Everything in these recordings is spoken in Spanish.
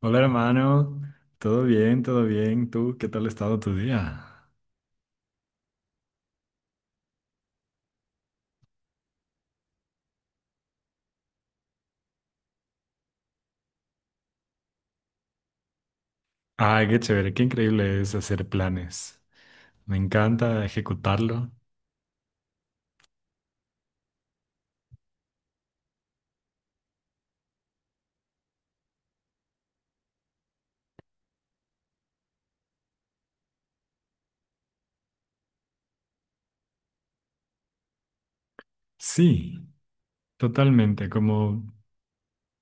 Hola hermano, todo bien, todo bien. ¿Tú qué tal ha estado tu día? Ay, qué chévere, qué increíble es hacer planes. Me encanta ejecutarlo. Sí, totalmente, como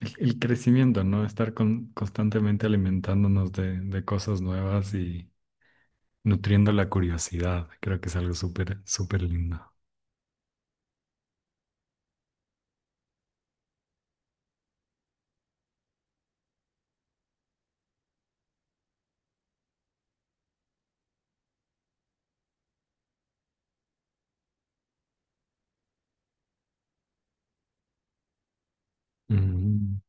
el crecimiento, ¿no? Estar constantemente alimentándonos de cosas nuevas y nutriendo la curiosidad. Creo que es algo súper, súper lindo. Ujú.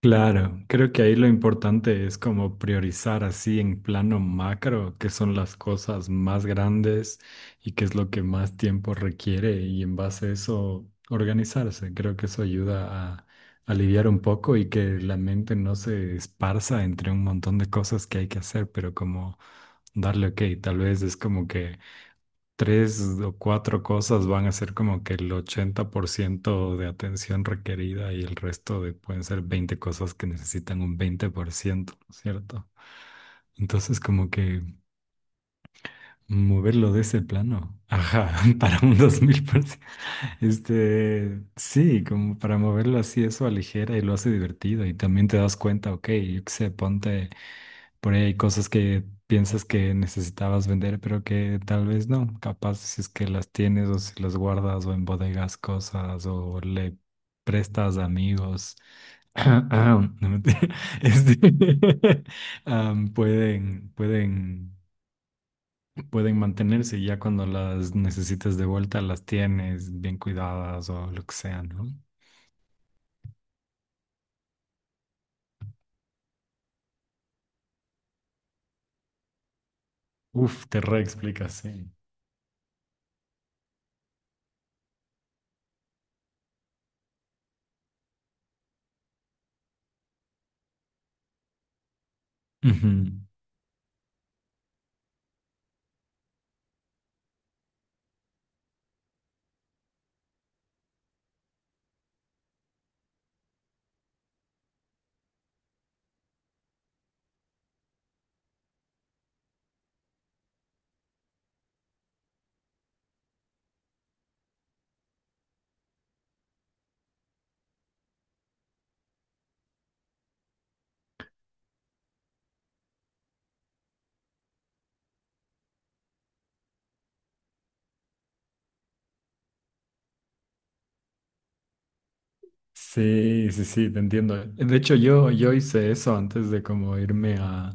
Claro, creo que ahí lo importante es como priorizar así en plano macro qué son las cosas más grandes y qué es lo que más tiempo requiere y en base a eso organizarse. Creo que eso ayuda a aliviar un poco y que la mente no se esparza entre un montón de cosas que hay que hacer, pero como darle, ok, tal vez es como que tres o cuatro cosas van a ser como que el 80% de atención requerida y el resto de pueden ser 20 cosas que necesitan un 20%, ¿no es cierto? Entonces como que moverlo de ese plano, ajá, para un 2000%, sí, como para moverlo así, eso aligera y lo hace divertido y también te das cuenta, ok, yo qué sé, ponte. Por ahí hay cosas que piensas que necesitabas vender, pero que tal vez no. Capaz si es que las tienes o si las guardas o en bodegas cosas o le prestas a amigos. No, mentira. Este, am, pueden, pueden, pueden mantenerse y ya cuando las necesites de vuelta las tienes bien cuidadas o lo que sea, ¿no? Uf, te reexplicas, sí. Ujú. Sí, sí, sí, te entiendo. De hecho, yo hice eso antes de como irme a,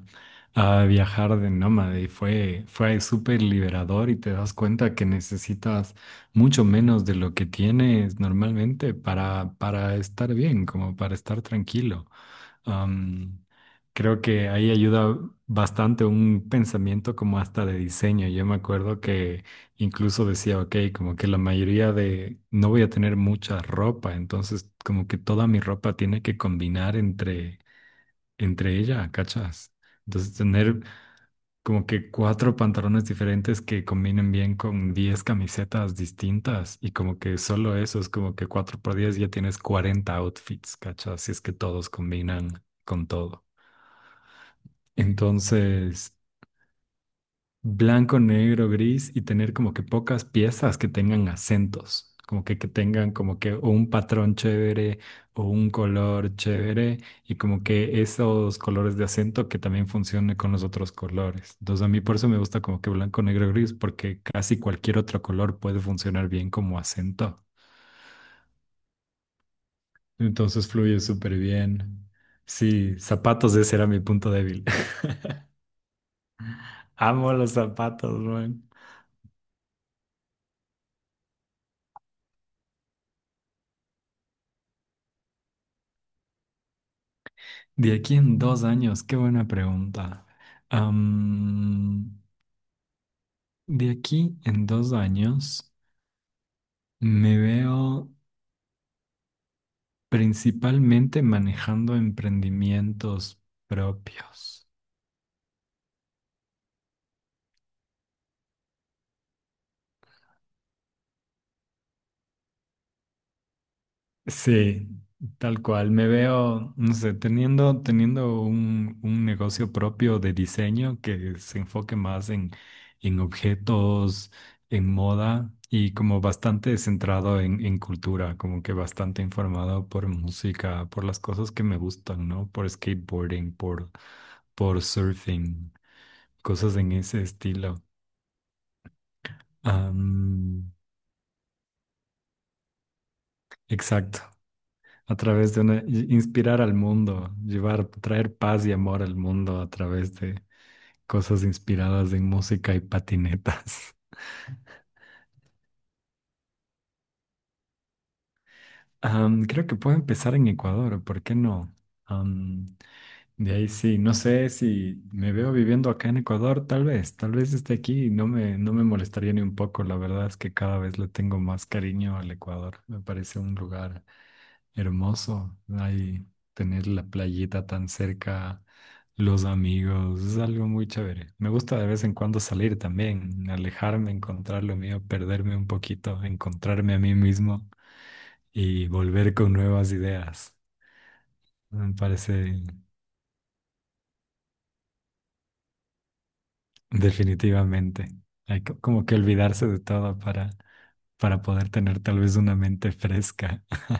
a viajar de nómade y fue súper liberador y te das cuenta que necesitas mucho menos de lo que tienes normalmente para estar bien, como para estar tranquilo. Am, creo que ahí ayuda bastante un pensamiento como hasta de diseño. Yo me acuerdo que incluso decía, ok, como que la mayoría de, no voy a tener mucha ropa, entonces como que toda mi ropa tiene que combinar entre ella, ¿cachas? Entonces tener como que cuatro pantalones diferentes que combinen bien con 10 camisetas distintas y como que solo eso es como que cuatro por diez ya tienes 40 outfits, ¿cachas? Si es que todos combinan con todo. Entonces, blanco, negro, gris y tener como que pocas piezas que tengan acentos, como que tengan como que o un patrón chévere o un color chévere y como que esos colores de acento que también funcionen con los otros colores. Entonces, a mí por eso me gusta como que blanco, negro, gris, porque casi cualquier otro color puede funcionar bien como acento. Entonces, fluye súper bien. Sí, zapatos, ese era mi punto débil. Amo los zapatos, man. De aquí en 2 años, qué buena pregunta. Am, de aquí en 2 años me veo principalmente manejando emprendimientos propios. Sí, tal cual. Me veo, no sé, teniendo un negocio propio de diseño que se enfoque más en objetos, en moda y como bastante centrado en cultura, como que bastante informado por música, por las cosas que me gustan, ¿no? Por skateboarding, por surfing, cosas en ese estilo. Am, exacto. A través de una, inspirar al mundo, llevar, traer paz y amor al mundo a través de cosas inspiradas en música y patinetas. Creo que puedo empezar en Ecuador, ¿por qué no? Am, de ahí sí, no sé si me veo viviendo acá en Ecuador, tal vez esté aquí y no me molestaría ni un poco. La verdad es que cada vez le tengo más cariño al Ecuador. Me parece un lugar hermoso, ahí tener la playita tan cerca, los amigos, es algo muy chévere. Me gusta de vez en cuando salir también, alejarme, encontrar lo mío, perderme un poquito, encontrarme a mí mismo y volver con nuevas ideas. Me parece definitivamente. Hay como que olvidarse de todo para poder tener tal vez una mente fresca.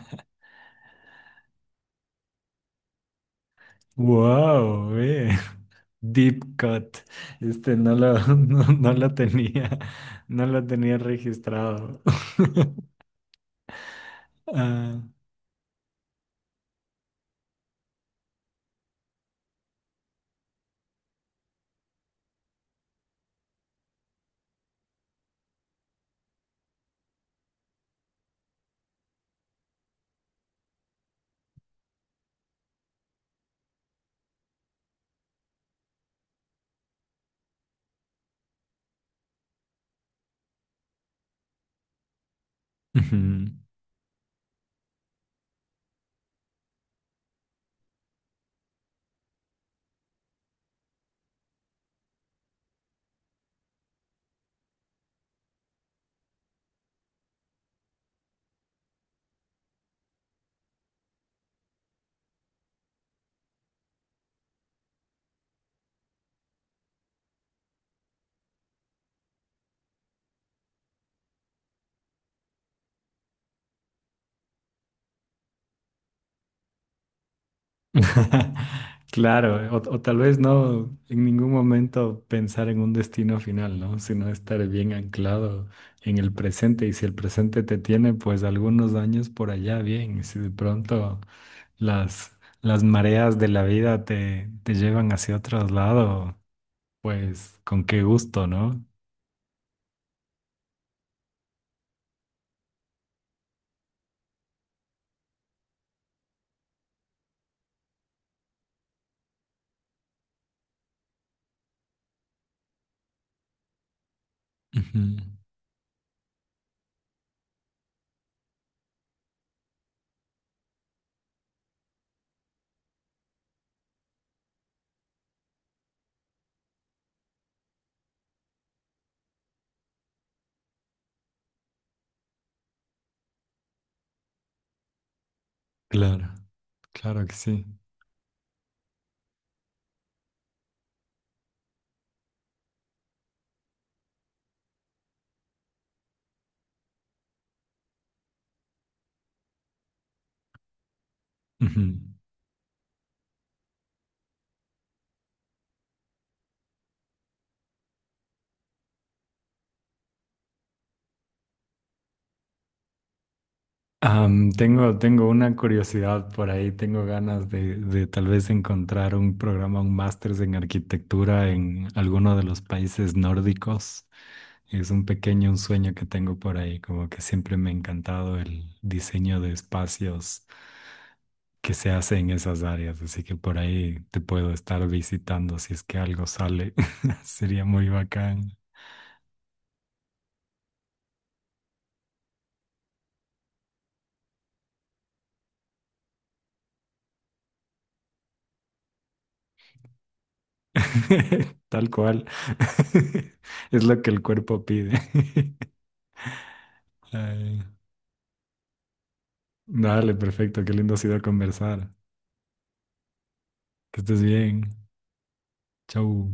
¡Wow! Deep Cut. Este no lo, no, no lo tenía, no lo tenía registrado. Ah, ujú. Claro, o tal vez no en ningún momento pensar en un destino final, ¿no? Sino estar bien anclado en el presente. Y si el presente te tiene, pues algunos años por allá, bien. Y si de pronto las, las mareas de la vida te llevan hacia otro lado, pues con qué gusto, ¿no? Ujú. Claro, claro que sí. Ujú. Tengo una curiosidad por ahí, tengo ganas de tal vez encontrar un programa, un máster en arquitectura en alguno de los países nórdicos. Es un sueño que tengo por ahí, como que siempre me ha encantado el diseño de espacios que se hace en esas áreas, así que por ahí te puedo estar visitando si es que algo sale. Sería muy bacán. Tal cual. Es lo que el cuerpo pide. Ay, dale, perfecto. Qué lindo ha sido conversar. Que estés bien. Chau.